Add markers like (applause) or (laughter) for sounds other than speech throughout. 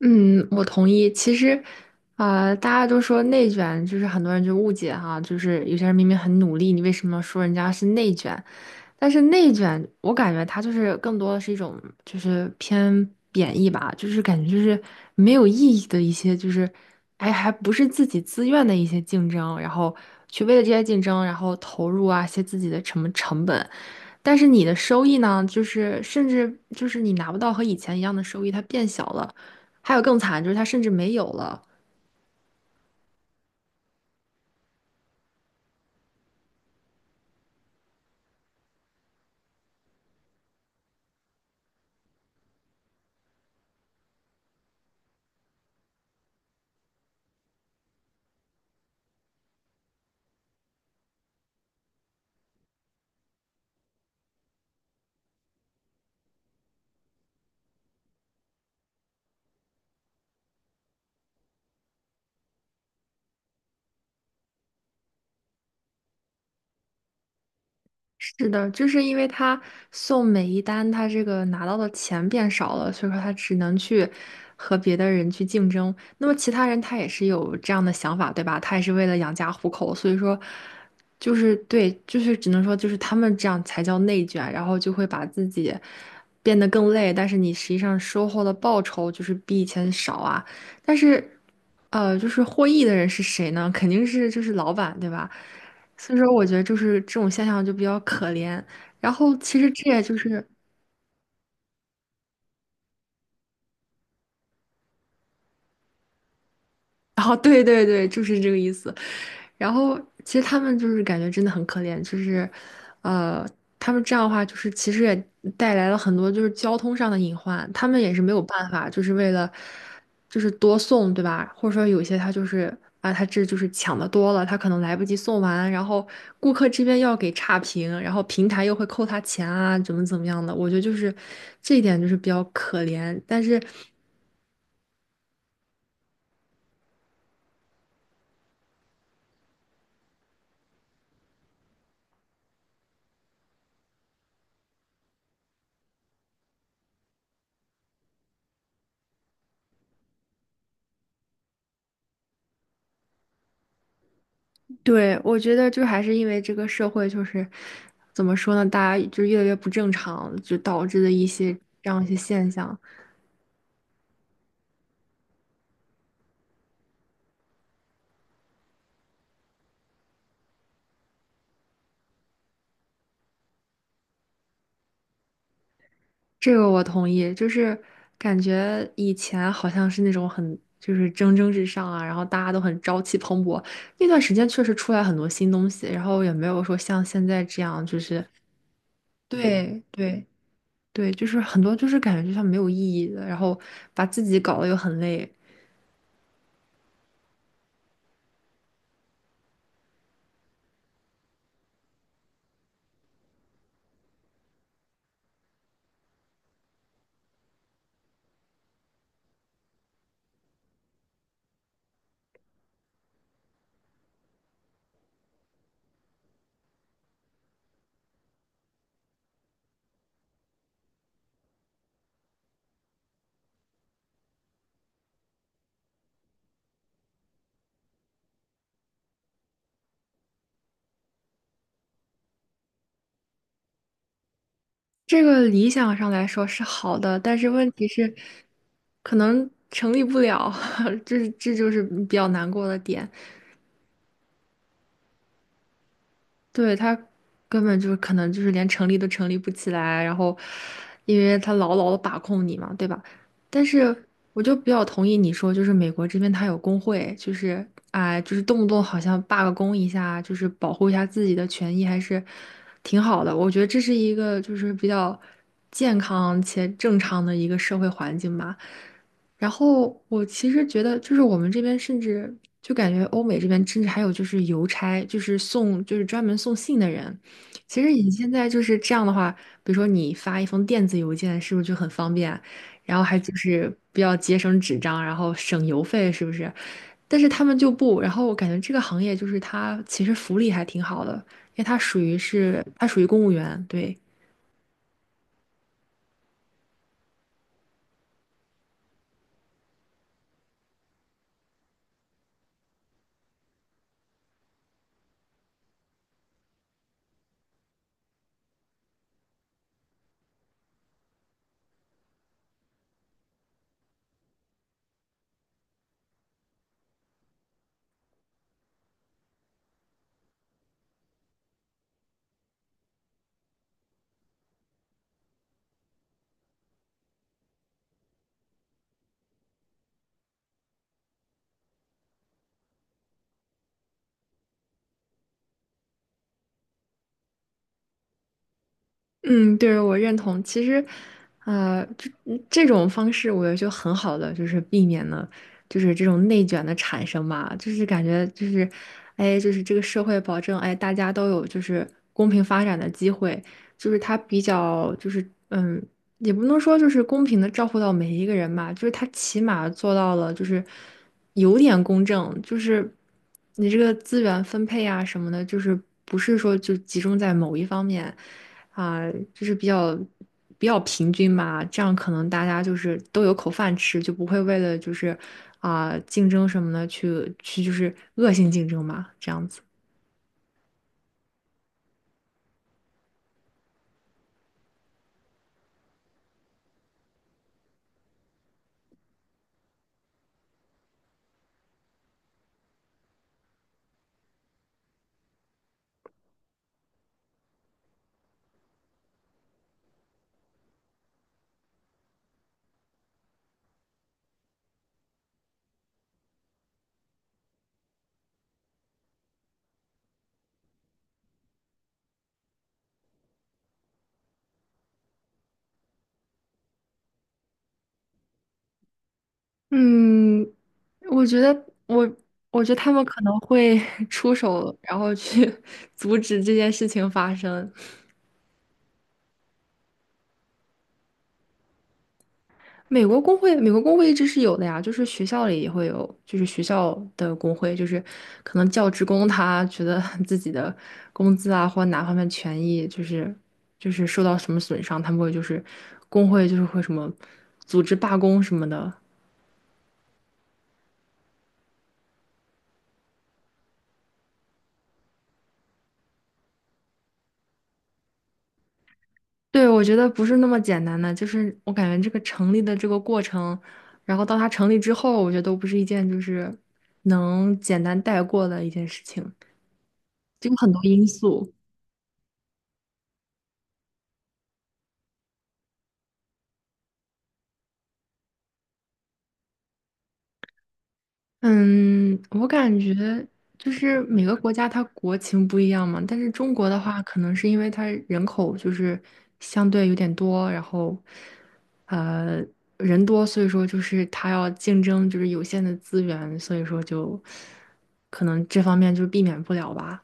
嗯，我同意。其实，大家都说内卷，就是很多人就误解哈，就是有些人明明很努力，你为什么说人家是内卷？但是内卷，我感觉它就是更多的是一种就是偏贬义吧，就是感觉就是没有意义的一些，就是哎，还不是自己自愿的一些竞争，然后去为了这些竞争，然后投入，一些自己的什么成本。但是你的收益呢，就是甚至就是你拿不到和以前一样的收益，它变小了。还有更惨，就是他甚至没有了。是的，就是因为他送每一单，他这个拿到的钱变少了，所以说他只能去和别的人去竞争。那么其他人他也是有这样的想法，对吧？他也是为了养家糊口，所以说就是对，就是只能说就是他们这样才叫内卷，然后就会把自己变得更累，但是你实际上收获的报酬就是比以前少啊。但是，就是获益的人是谁呢？肯定是就是老板，对吧？所以说，我觉得就是这种现象就比较可怜。然后，其实这也就是，(laughs) 哦，对对对，就是这个意思。然后其实他们就是感觉真的很可怜，就是，呃，他们这样的话，就是其实也带来了很多就是交通上的隐患，他们也是没有办法，就是为了就是多送，对吧？或者说有些他就是他这就是抢的多了，他可能来不及送完，然后顾客这边要给差评，然后平台又会扣他钱啊，怎么怎么样的，我觉得就是这一点就是比较可怜，但是。对，我觉得就还是因为这个社会就是怎么说呢，大家就越来越不正常，就导致的一些这样一些现象。这个我同意，就是感觉以前好像是那种很就是蒸蒸日上啊，然后大家都很朝气蓬勃。那段时间确实出来很多新东西，然后也没有说像现在这样，就是对对。对，就是很多就是感觉就像没有意义的，然后把自己搞得又很累。这个理想上来说是好的，但是问题是，可能成立不了，(laughs) 这就是比较难过的点。对，他根本就是可能就是连成立都成立不起来，然后因为他牢牢的把控你嘛，对吧？但是我就比较同意你说，就是美国这边他有工会，就是啊、就是动不动好像罢个工一下，就是保护一下自己的权益，还是挺好的。我觉得这是一个就是比较健康且正常的一个社会环境吧。然后我其实觉得，就是我们这边甚至就感觉欧美这边甚至还有就是邮差，就是送就是专门送信的人。其实你现在就是这样的话，比如说你发一封电子邮件，是不是就很方便？然后还就是比较节省纸张，然后省邮费，是不是？但是他们就不，然后我感觉这个行业就是它其实福利还挺好的，因为它属于是它属于公务员，对。嗯，对，我认同。其实，这这种方式，我觉得就很好的，就是避免了，就是这种内卷的产生吧。就是感觉就是，哎，就是这个社会保证，哎，大家都有就是公平发展的机会，就是它比较就是嗯也不能说就是公平的照顾到每一个人吧，就是他起码做到了，就是有点公正，就是你这个资源分配啊什么的，就是不是说就集中在某一方面，就是比较平均吧，这样可能大家就是都有口饭吃，就不会为了就是啊竞争什么的去就是恶性竞争嘛，这样子。嗯，我觉得我我觉得他们可能会 (laughs) 出手，然后去 (laughs) 阻止这件事情发生。美国工会，美国工会一直是有的呀，就是学校里也会有，就是学校的工会，就是可能教职工他觉得 (laughs) 自己的工资啊或哪方面权益就是受到什么损伤，他们会就是工会就是会什么组织罢工什么的。对，我觉得不是那么简单的，就是我感觉这个成立的这个过程，然后到它成立之后，我觉得都不是一件就是能简单带过的一件事情，就有很多因素。嗯，我感觉就是每个国家它国情不一样嘛，但是中国的话，可能是因为它人口就是相对有点多，然后呃人多，所以说就是它要竞争就是有限的资源，所以说就可能这方面就避免不了吧。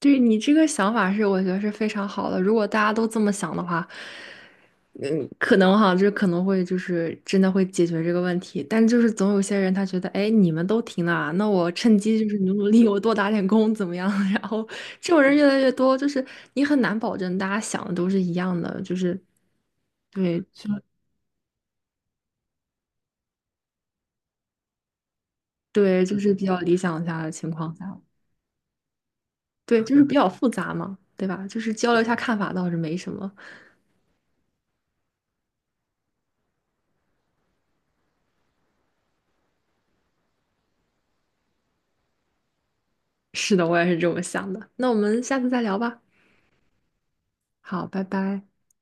对你这个想法是，我觉得是非常好的。如果大家都这么想的话，嗯，可能哈，这可能会就是真的会解决这个问题，但就是总有些人他觉得，哎，你们都停了啊，那我趁机就是努努力，我多打点工怎么样？(laughs) 然后这种人越来越多，就是你很难保证大家想的都是一样的，就是对，就是比较理想下的情况下，对，就是比较复杂嘛，对吧？就是交流一下看法倒是没什么。是的，我也是这么想的。那我们下次再聊吧。好，拜拜。